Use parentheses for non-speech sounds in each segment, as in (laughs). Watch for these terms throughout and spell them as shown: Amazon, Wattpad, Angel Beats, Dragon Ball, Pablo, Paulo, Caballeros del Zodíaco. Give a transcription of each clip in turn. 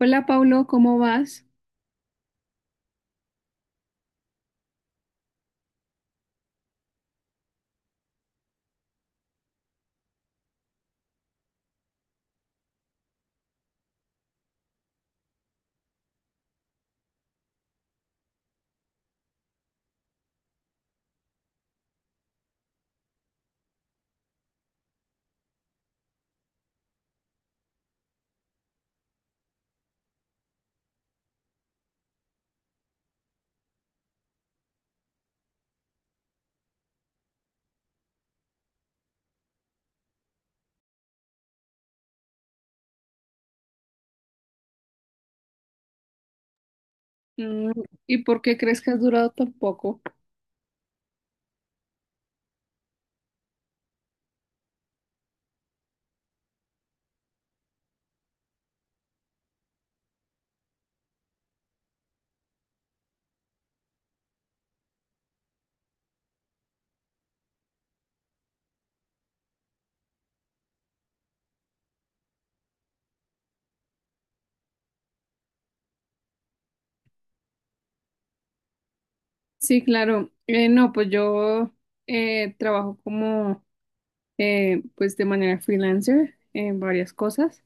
Hola, Paulo, ¿cómo vas? Mm. ¿Y por qué crees que has durado tan poco? Sí, claro. No, pues yo trabajo como, pues de manera freelancer en varias cosas.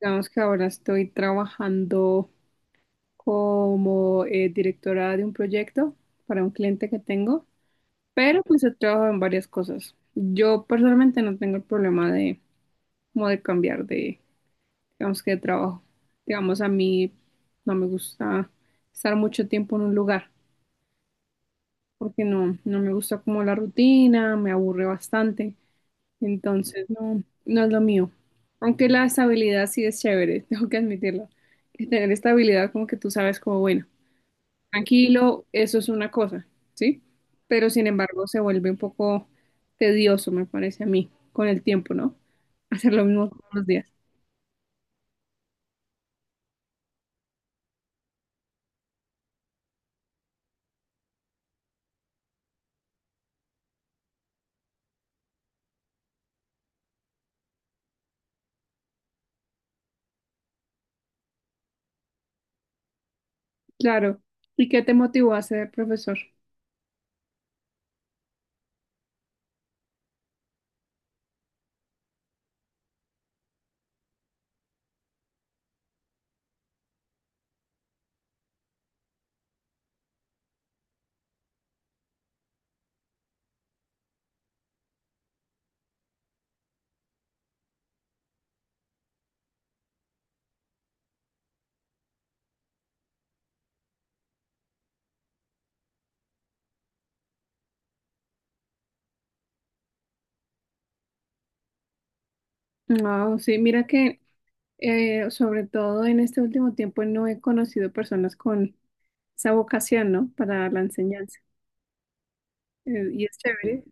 Digamos que ahora estoy trabajando como directora de un proyecto para un cliente que tengo, pero pues he trabajado en varias cosas. Yo personalmente no tengo el problema de, como de cambiar de, digamos que de trabajo. Digamos, a mí no me gusta estar mucho tiempo en un lugar porque no me gusta como la rutina, me aburre bastante, entonces no es lo mío. Aunque la estabilidad sí es chévere, (laughs) tengo que admitirlo. Que tener estabilidad como que tú sabes como, bueno, tranquilo, eso es una cosa, ¿sí? Pero sin embargo se vuelve un poco tedioso, me parece a mí, con el tiempo, ¿no? (laughs) Hacer lo mismo todos los días. Claro. ¿Y qué te motivó a ser profesor? No, sí, mira que sobre todo en este último tiempo no he conocido personas con esa vocación, ¿no? Para la enseñanza. Y es chévere.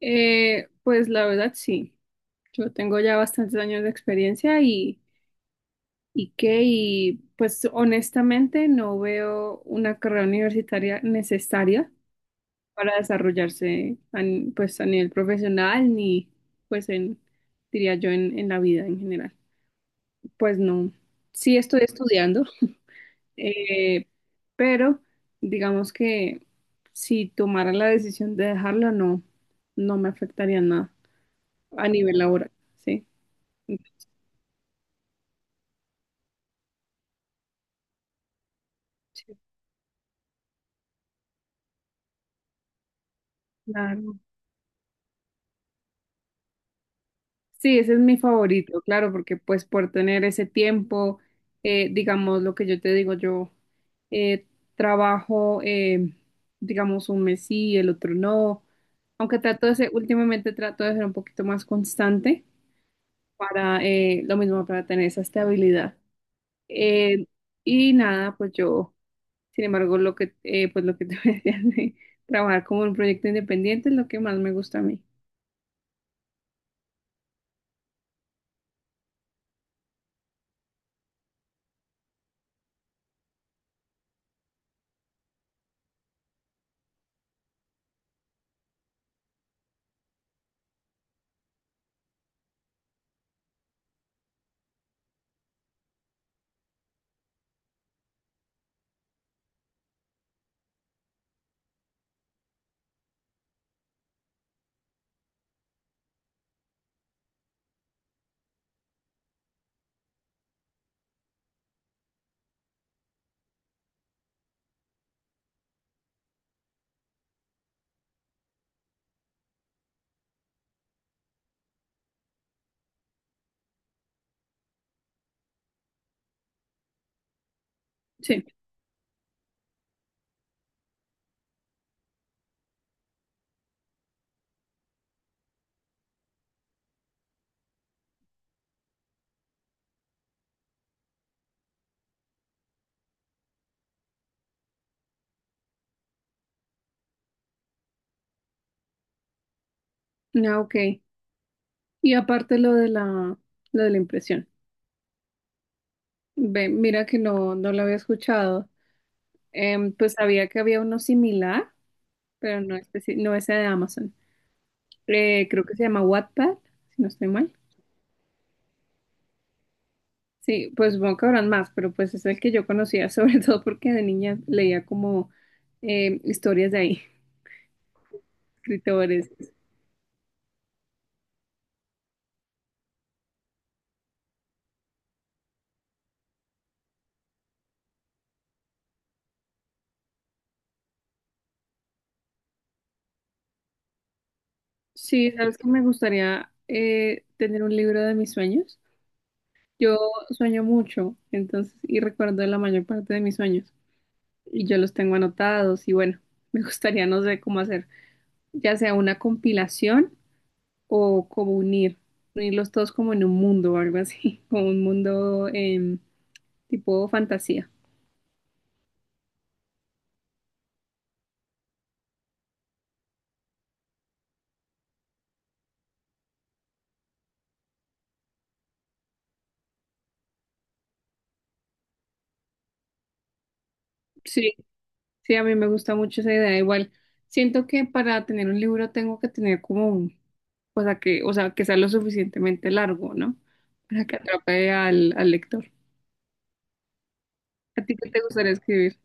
Pues la verdad sí, yo tengo ya bastantes años de experiencia y, y pues honestamente no veo una carrera universitaria necesaria para desarrollarse a pues a nivel profesional ni pues en, diría yo, en la vida en general. Pues no, sí estoy estudiando. Eh, pero digamos que si tomara la decisión de dejarla, no, no me afectaría nada a nivel laboral, ¿sí? Entonces, claro. Sí, ese es mi favorito, claro, porque pues por tener ese tiempo, digamos lo que yo te digo, yo eh, trabajo, digamos, un mes sí, el otro no, aunque trato de ser, últimamente trato de ser un poquito más constante para lo mismo, para tener esa estabilidad. Eh, y nada, pues yo, sin embargo, lo que, pues lo que te (laughs) decía de trabajar como un proyecto independiente es lo que más me gusta a mí. Sí, ah, ok. Y aparte lo de la impresión. Ve, mira que no lo había escuchado. Em, pues sabía que había uno similar, pero no, no ese de Amazon. Creo que se llama Wattpad, si no estoy mal. Sí, pues supongo que habrán más, pero pues es el que yo conocía, (laughs) sobre todo porque de niña leía como em, historias de ahí. (laughs) Escritores. Sí, sabes que me gustaría tener un libro de mis sueños. Yo sueño mucho, entonces, y recuerdo la mayor parte de mis sueños. Y yo los tengo anotados y bueno, (laughs) me gustaría, no sé cómo hacer, ya sea una compilación o como unir, unirlos todos como en un mundo o algo así, (laughs) como un mundo em, tipo fantasía. Sí. Sí, a mí me gusta mucho esa idea. Igual, siento que para tener un libro tengo que tener como un, o sea, que sea lo suficientemente largo, ¿no? Para que atrape al, al lector. ¿A ti qué te gustaría escribir?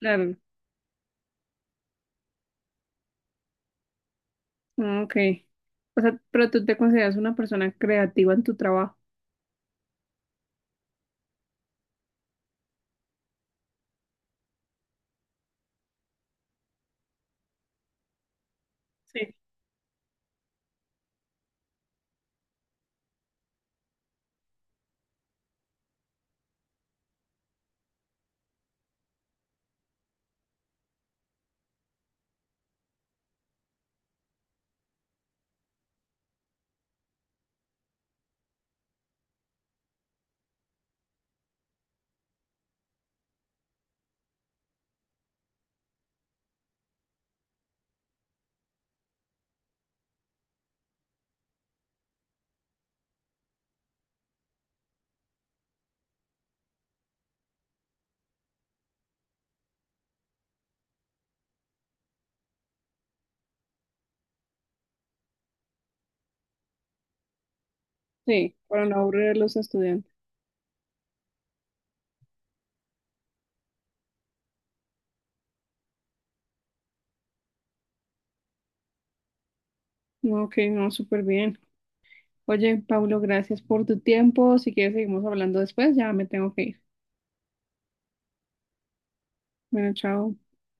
Claro. Ah, ok. O sea, pero tú te consideras una persona creativa en tu trabajo. Sí. Sí, para no aburrir a los estudiantes. No, ok, no, súper bien. Oye, Pablo, gracias por tu tiempo. Si quieres, seguimos hablando después. Ya me tengo que ir. Bueno, chao.